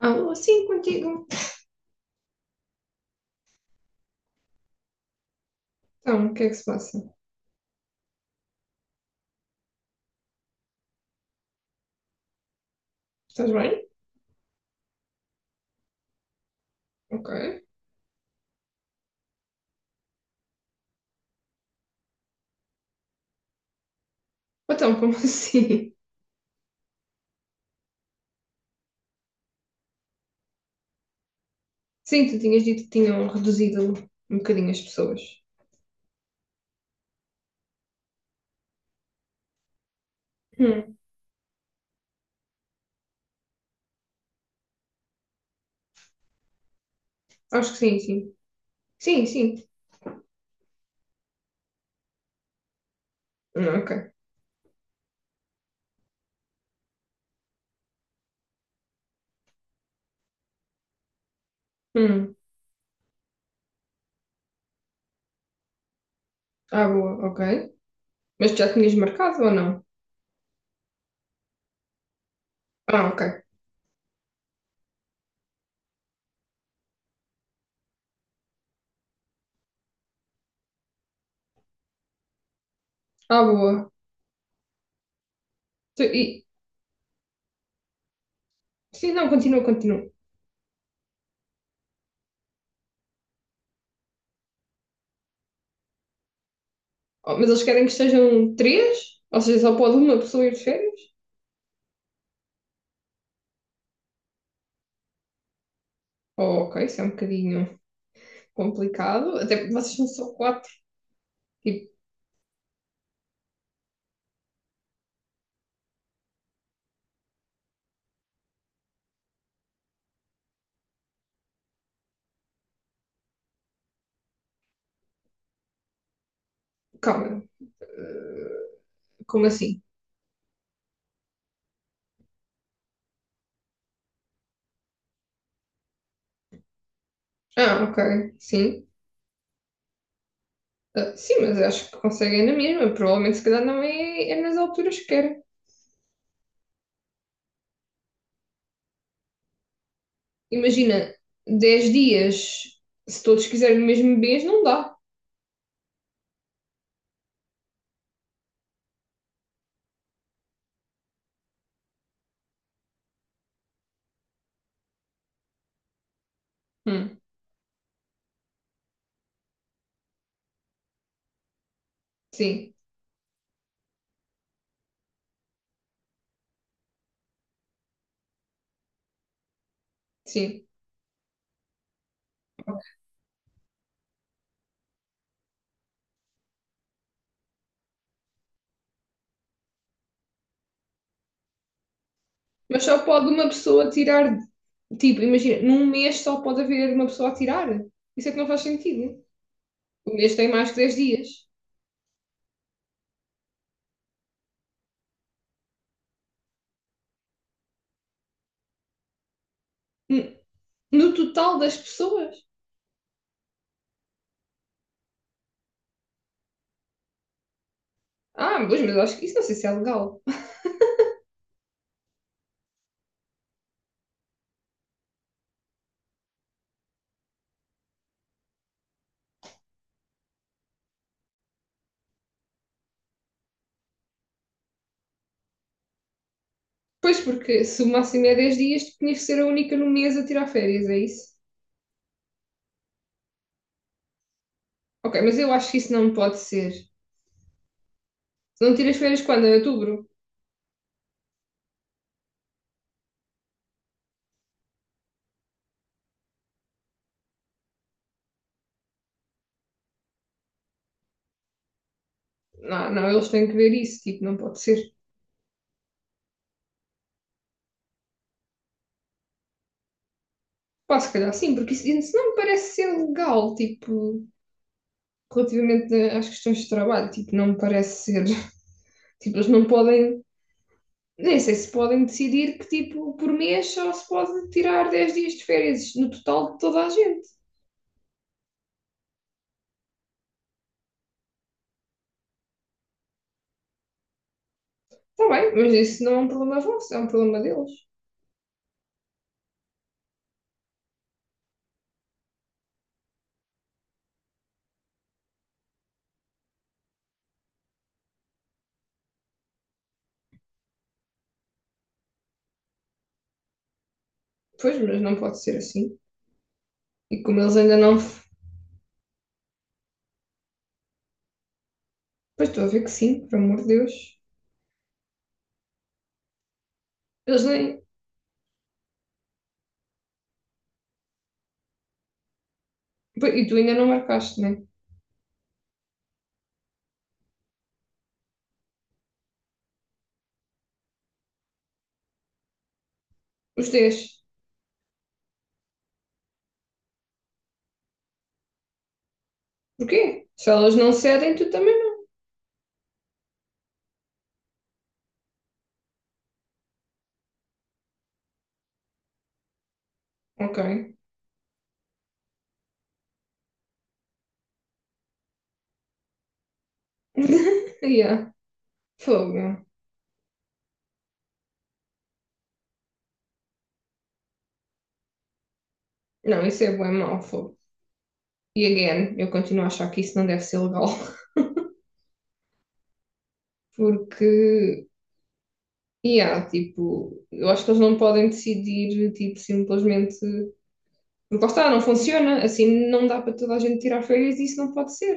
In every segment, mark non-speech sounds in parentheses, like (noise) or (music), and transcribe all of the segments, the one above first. Alô, sim, contigo. Então, o que é que se passa? Estás bem? Ok. Então, como (laughs) assim? Sim, tu tinhas dito que tinham reduzido um bocadinho as pessoas. Hum, Acho que sim, sim. Sim, sim. Ok. Hum, Boa, ok. Mas tu já tinhas marcado ou não? Ah, ok. Ah, boa. Tu- e, sim, não, continua, continua. Oh, mas eles querem que estejam três? Ou seja, só pode uma pessoa ir de férias? Oh, ok, isso é um bocadinho complicado. Até porque vocês são só quatro. Tipo, calma, como assim? Ah, ok, sim. Ah, sim, mas acho que conseguem na mesma. Provavelmente, se calhar, não é, é nas alturas que era. Imagina, 10 dias, se todos quiserem o mesmo mês, não dá. Hum, sim, sim. Mas só pode uma pessoa tirar. Tipo, imagina, num mês só pode haver uma pessoa a tirar. Isso é que não faz sentido. O mês tem mais que 10 dias. N- No total das pessoas. Ah, pois, mas acho que isso não sei se é legal. Pois, porque se o máximo é 10 dias, tu tinhas que ser a única no mês a tirar férias, é isso? Ok, mas eu acho que isso não pode ser. Se não tiras férias quando? Em outubro? Não, não, eles têm que ver isso, tipo, não pode ser. Pá, se calhar sim, porque isso não me parece ser legal, tipo, relativamente às questões de trabalho, tipo, não me parece ser. (laughs) Tipo, eles não podem, nem sei se podem decidir que, tipo, por mês só se pode tirar 10 dias de férias no total de toda a gente. Está bem, mas isso não é um problema vosso, é um problema deles. Pois, mas não pode ser assim. E como eles ainda não. Pois estou a ver que sim, por amor de Deus. Eles nem, pois, e tu ainda não marcaste, né? Os 10. Porquê? Se elas não cedem, tu também não. Ok. (laughs) Yeah. Fogo. Não, isso é bem mau, fogo. E again, eu continuo a achar que isso não deve ser legal. (laughs) Porque, yeah, tipo, eu acho que eles não podem decidir, tipo, simplesmente. Porque lá está, não funciona. Assim não dá para toda a gente tirar férias e isso não pode ser.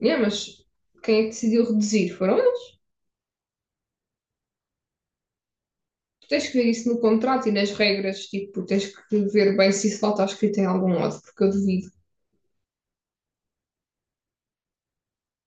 Yeah, mas quem é que decidiu reduzir? Foram eles. Tu tens que ver isso no contrato e nas regras, tipo, tens que ver bem se isso lá está escrito em algum lado, porque eu duvido.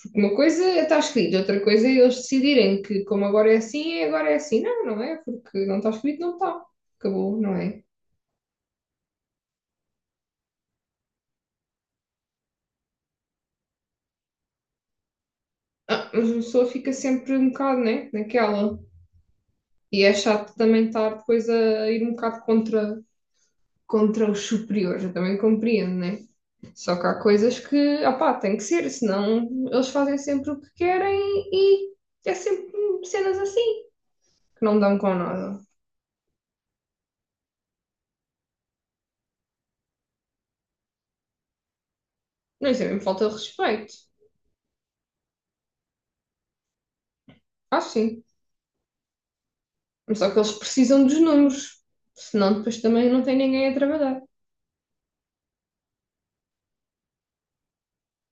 Porque uma coisa é estar escrito, outra coisa é eles decidirem que como agora é assim, é agora é assim. Não, não é, porque não está escrito, não está. Acabou, não é? Ah, mas a pessoa fica sempre um bocado, né, naquela. E é chato também estar depois a ir um bocado contra os superiores, eu também compreendo, né? Só que há coisas que, opá, tem que ser, senão eles fazem sempre o que querem e é sempre cenas assim, que não dão com nada. Não, isso é mesmo falta de respeito. Acho sim. Mas só que eles precisam dos números, senão depois também não tem ninguém a trabalhar.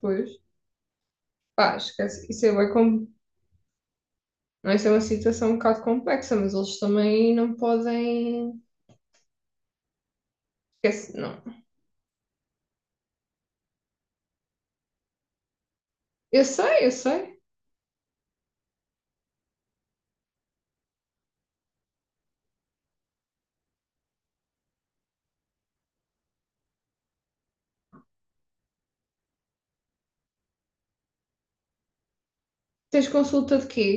Pois, pá, esquece. Isso é, bué com. Não, isso é uma situação um bocado complexa, mas eles também não podem. Esquece, não. Eu sei, eu sei. Tens consulta de quê?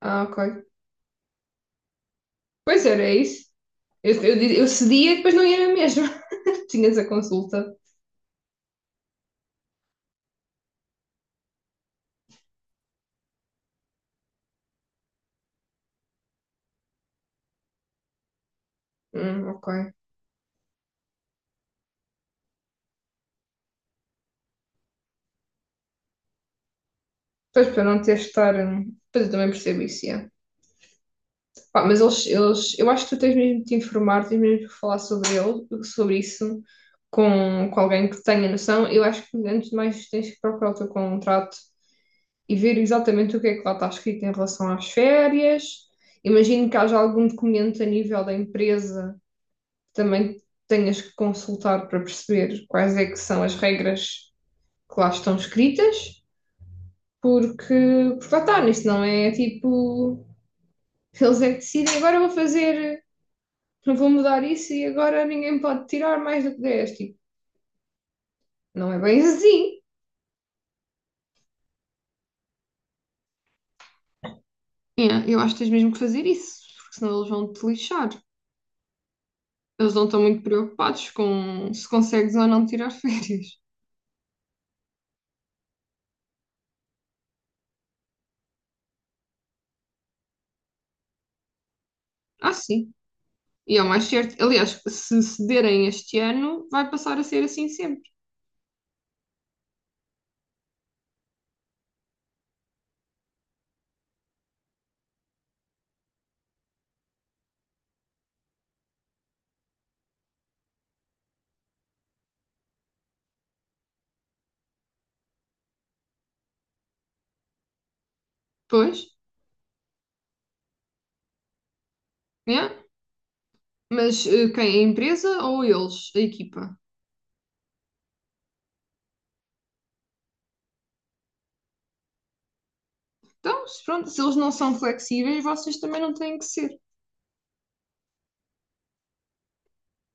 Ah, ok. Pois era é isso. Eu cedia e depois não ia mesmo. (laughs) Tinhas a consulta. Ok. Pois para não ter de estar. Pois eu também percebo isso, yeah. Pá, mas eles. Eu acho que tu tens mesmo de te informar, tens mesmo de falar sobre ele, sobre isso, com alguém que tenha noção. Eu acho que antes de mais tens que procurar o teu contrato e ver exatamente o que é que lá está escrito em relação às férias. Imagino que haja algum documento a nível da empresa que também tenhas que consultar para perceber quais é que são as regras que lá estão escritas, porque, porque lá está, isso não é tipo. Eles é que decidem, agora vou fazer, não vou mudar isso e agora ninguém pode tirar mais do que 10. Tipo, não é bem assim. É, eu acho que tens mesmo que fazer isso, porque senão eles vão te lixar. Eles não estão muito preocupados com se consegues ou não tirar (laughs) férias. Ah, sim. E é o mais certo. Aliás, se cederem este ano, vai passar a ser assim sempre. Pois, é? Mas quem? A empresa ou eles? A equipa? Então, se pronto, se eles não são flexíveis, vocês também não têm que ser.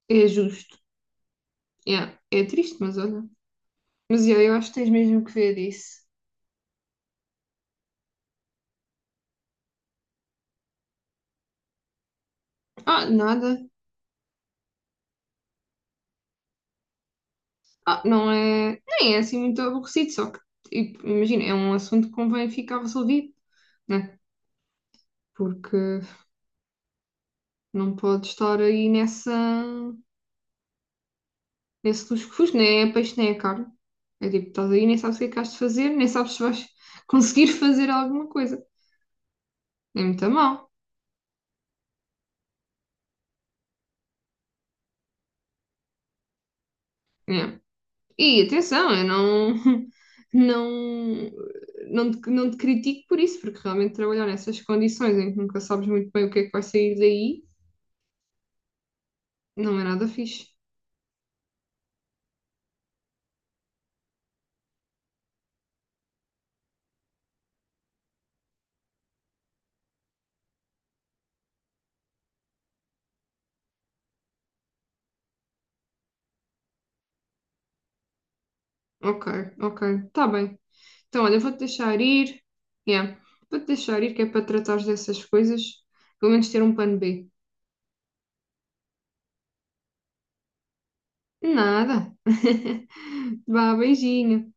É justo. Yeah, é triste, mas olha. Mas yeah, eu acho que tens mesmo que ver isso. Ah, nada. Ah, não é. Nem é assim muito aborrecido, só que, tipo, imagina, é um assunto que convém ficar resolvido, né? Porque não pode estar aí nessa. Nesse lusco-fusco, nem é peixe, nem é carne. É tipo, estás aí, nem sabes o que é que has de fazer, nem sabes se vais conseguir (laughs) fazer alguma coisa. É muito mal. Né? E atenção, eu não, (laughs) não, não te critico por isso, porque realmente trabalhar nessas condições em que nunca sabes muito bem o que é que vai sair daí, não é nada fixe. Ok, ok, tá bem. Então, olha, vou-te deixar ir. Yeah. Vou-te deixar ir, que é para tratares dessas coisas, pelo menos ter um plano B. Nada. (laughs) Vá, beijinho.